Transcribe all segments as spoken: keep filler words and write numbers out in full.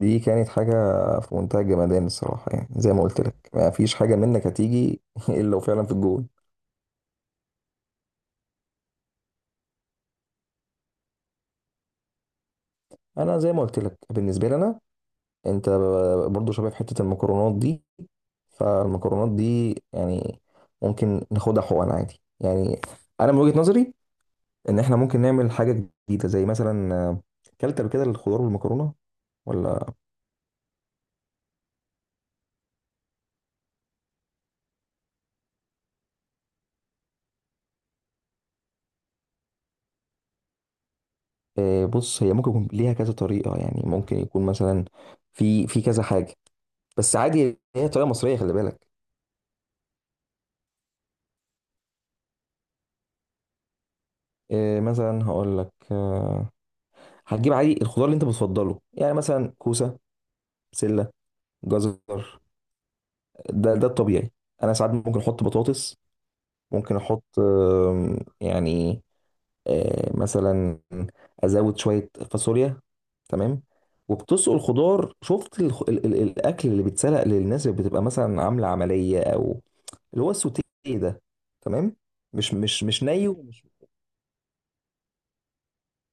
دي كانت حاجة في منتهى الجمدان الصراحة، يعني زي ما قلت لك، ما فيش حاجة منك هتيجي إلا لو فعلا في الجول. أنا زي ما قلت لك بالنسبة لي، أنا أنت برضو شباب حتة المكرونات دي. فالمكرونات دي يعني ممكن ناخدها حقن عادي يعني. أنا من وجهة نظري إن إحنا ممكن نعمل حاجة جديدة، زي مثلا آه، كلت قبل كده الخضار والمكرونة، ولا؟ آه، بص، هي ممكن يكون ليها كذا طريقة، يعني ممكن يكون مثلا في في كذا حاجة، بس عادي هي طريقة مصرية، خلي بالك. إيه مثلا هقول لك، آه، هتجيب عادي الخضار اللي انت بتفضله، يعني مثلا كوسه، بسله، جزر، ده ده الطبيعي. انا ساعات ممكن احط بطاطس، ممكن احط آم، يعني آه، مثلا ازود شويه فاصوليا، تمام. وبتسلق الخضار، شفت الخ- ال ال الاكل اللي بيتسلق للناس اللي بتبقى مثلا عامله عمليه، او اللي هو السوتيه، ده تمام. مش مش مش ني ومش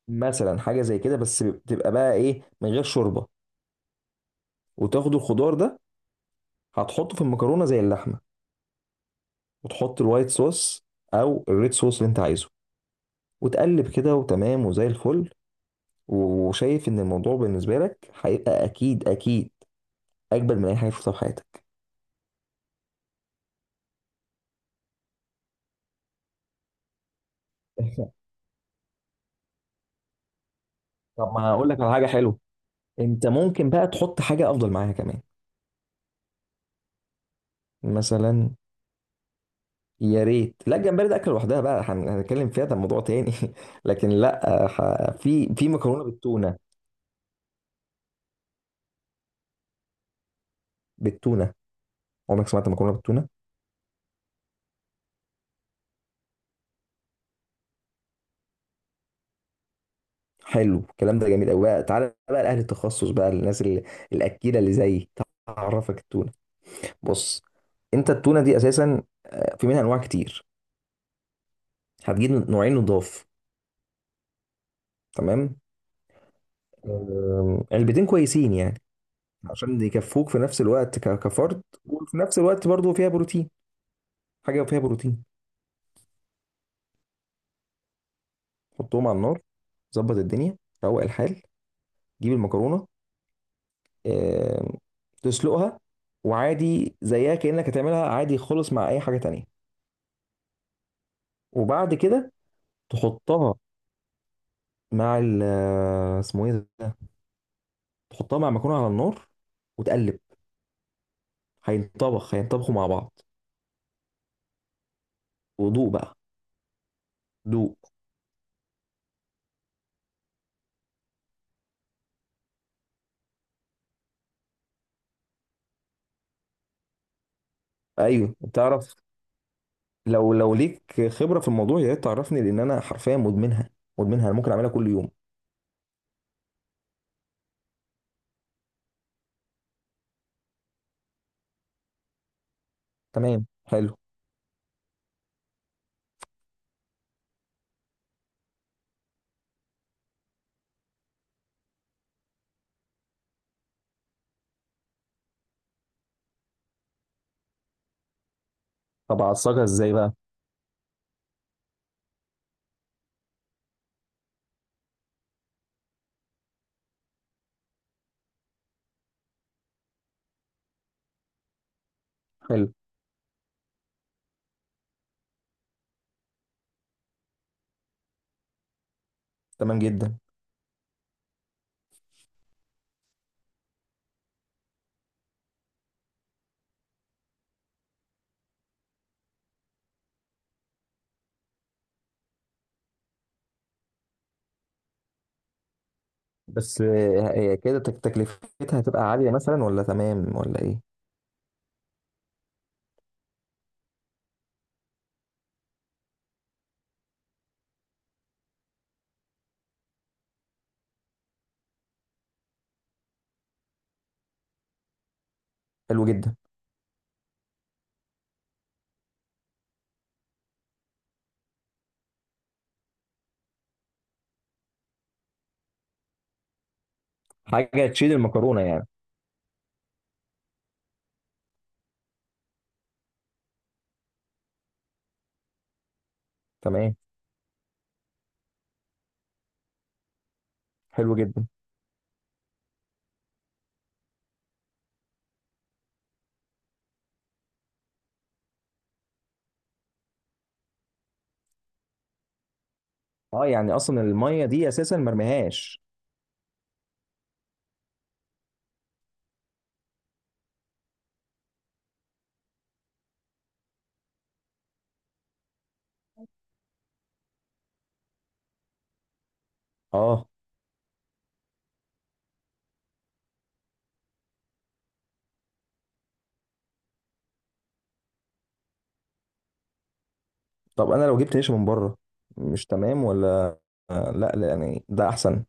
مثلا حاجه زي كده، بس بتبقى بقى ايه، من غير شوربه. وتاخد الخضار ده، هتحطه في المكرونه زي اللحمه، وتحط الوايت صوص او الريد صوص اللي انت عايزه، وتقلب كده وتمام وزي الفل. وشايف ان الموضوع بالنسبه لك هيبقى اكيد اكيد اجمل من اي حاجه شفتها في حياتك. طب ما هقول لك على حاجه حلوه. انت ممكن بقى تحط حاجه افضل معاها كمان، مثلا. يا ريت، لا الجمبري ده اكل لوحدها بقى، هن- هنتكلم فيها، ده موضوع تاني. لكن لا، ح- في في مكرونه بالتونه. بالتونه، عمرك سمعت مكرونه بالتونه؟ حلو الكلام ده، جميل قوي بقى، تعالى بقى لاهل التخصص بقى، للناس اللي- الاكيله اللي زيي تعرفك التونه. بص، انت التونه دي اساسا آه، في منها انواع كتير. هتجيب نوعين نضاف، تمام، آم، علبتين كويسين يعني، عشان يكفوك في نفس الوقت ك- كفرد، وفي نفس الوقت برضو فيها بروتين. حاجه فيها بروتين. حطهم على النار، ظبط الدنيا، روق الحال، جيب المكرونه، آم، تسلقها. وعادي زيها كانك هتعملها عادي خالص مع اي حاجه تانية. وبعد كده تحطها مع ال آه، اسمه ايه ده، تحطها مع مكرونه على النار، وتقلب. هينطبخ هينطبخوا مع بعض. ودوق بقى، دوق. ايوه تعرف، لو لو ليك خبره في الموضوع، يا ريت تعرفني، لان انا حرفيا مدمنها، مدمنها، انا ممكن اعملها كل يوم. تمام، حلو. طب اعصجها ازاي بقى؟ حلو، تمام جدا. بس آه، هي كده، تك- تكلفتها هتبقى عاليه مثلا، ولا تمام، ولا ايه؟ حلو جدا. حاجه تشيل المكرونه يعني، تمام، حلو جدا. اه، يعني اصلا الميه دي اساسا مرميهاش. اه، طب انا لو جبت عيش من بره، مش تمام ولا؟ آه، لا لا يعني ده احسن.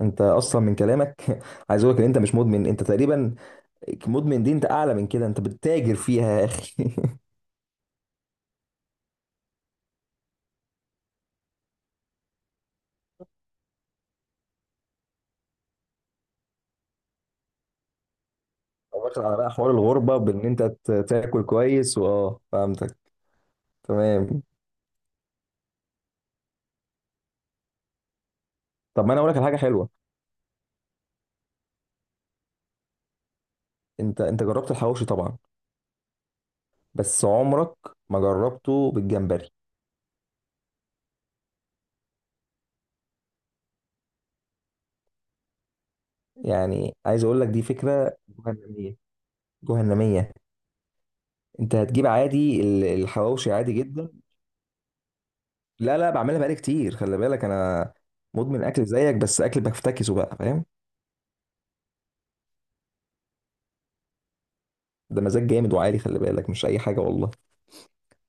انت اصلا من كلامك عايز اقول لك ان انت مش مدمن، انت تقريبا مدمن، دي انت اعلى من كده، انت بتتاجر فيها يا اخي او، واخد على بقى حوار الغربه، بان انت ت- تاكل كويس، واه فهمتك، تمام. طب ما انا اقول لك على حاجه حلوه. انت انت جربت الحواوشي طبعا. بس عمرك ما جربته بالجمبري، يعني عايز اقول لك دي فكره جهنميه، جهنميه. انت هتجيب عادي ال- الحواوشي عادي جدا. لا لا، بعملها بقالي كتير خلي بالك، انا مدمن اكل زيك، بس اكل بفتكسه بقى، فاهم. ده مزاج جامد وعالي، خلي بالك مش اي حاجه والله.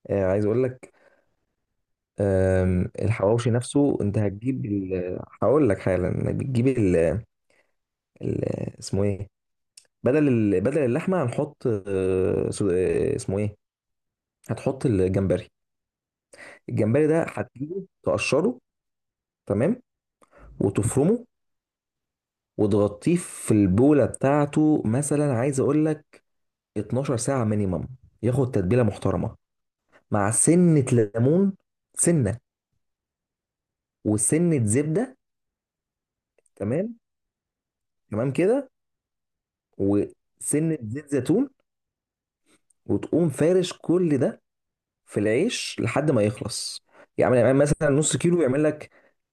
آه عايز اقول لك، آم، الحواوشي نفسه، انت هتجيب ال- هقول لك حالا، بتجيب ال ال- اسمه ايه، بدل ال- بدل اللحمه هنحط آه، سو- آه، اسمه ايه، هتحط الجمبري. الجمبري ده هتجيبه، تقشره، تمام، وتفرمه، وتغطيه في البوله بتاعته، مثلا عايز اقول لك اثناشر ساعة مينيمم، ياخد تتبيلة محترمة، مع سنة ليمون، سنة، وسنة زبدة، تمام، تمام كده، وسنة زيت زيتون، وتقوم فارش كل ده في العيش لحد ما يخلص، يعمل يعني مثلا نص كيلو يعمل لك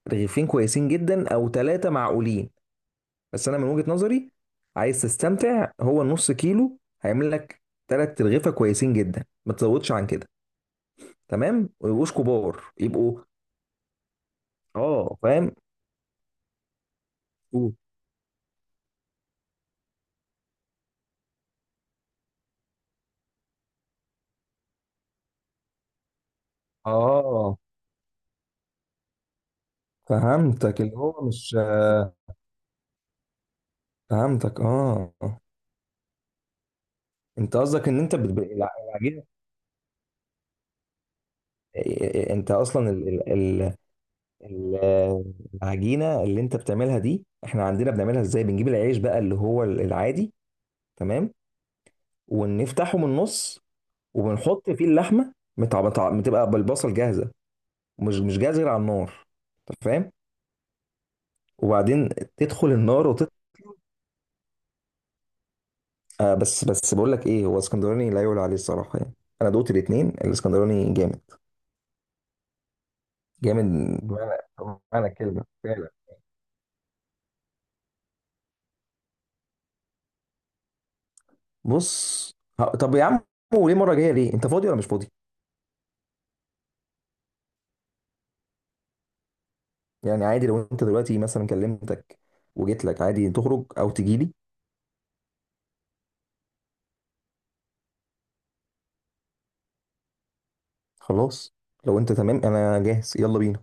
رغيفين كويسين جدا او ثلاثة معقولين. بس انا من وجهة نظري، عايز تستمتع، هو النص كيلو هيعمل لك ثلاث رغيفة كويسين جدا، ما تزودش عن كده. تمام، ويبقوش كبار يبقوا. اه فاهم. اه فهمتك اللي هو مش آه، فهمتك، اه. انت قصدك ان انت بتب... الع- العجينه. إيه- انت اصلا ال... ال... ال... ال- العجينه اللي انت بتعملها دي، احنا عندنا بنعملها ازاي، بنجيب العيش بقى اللي هو ال- العادي، تمام. ونفتحه من النص، وبنحط فيه اللحمه متع... متع... بتبقى بالبصل جاهزه، مش مش جاهزه غير على النار، انت فاهم. وبعدين تدخل النار. آه بس بس بقول لك ايه، هو اسكندراني لا يعلى عليه الصراحه يعني. انا دوت الاثنين، الاسكندراني جامد، جامد بمعنى بمعنى الكلمه فعلا. بص، ه- طب يا عم، وليه مره جايه؟ ليه، انت فاضي ولا مش فاضي؟ يعني عادي، لو انت دلوقتي مثلا كلمتك وجيت لك عادي، تخرج او تجي لي. خلاص، لو انت تمام انا جاهز، يلا بينا.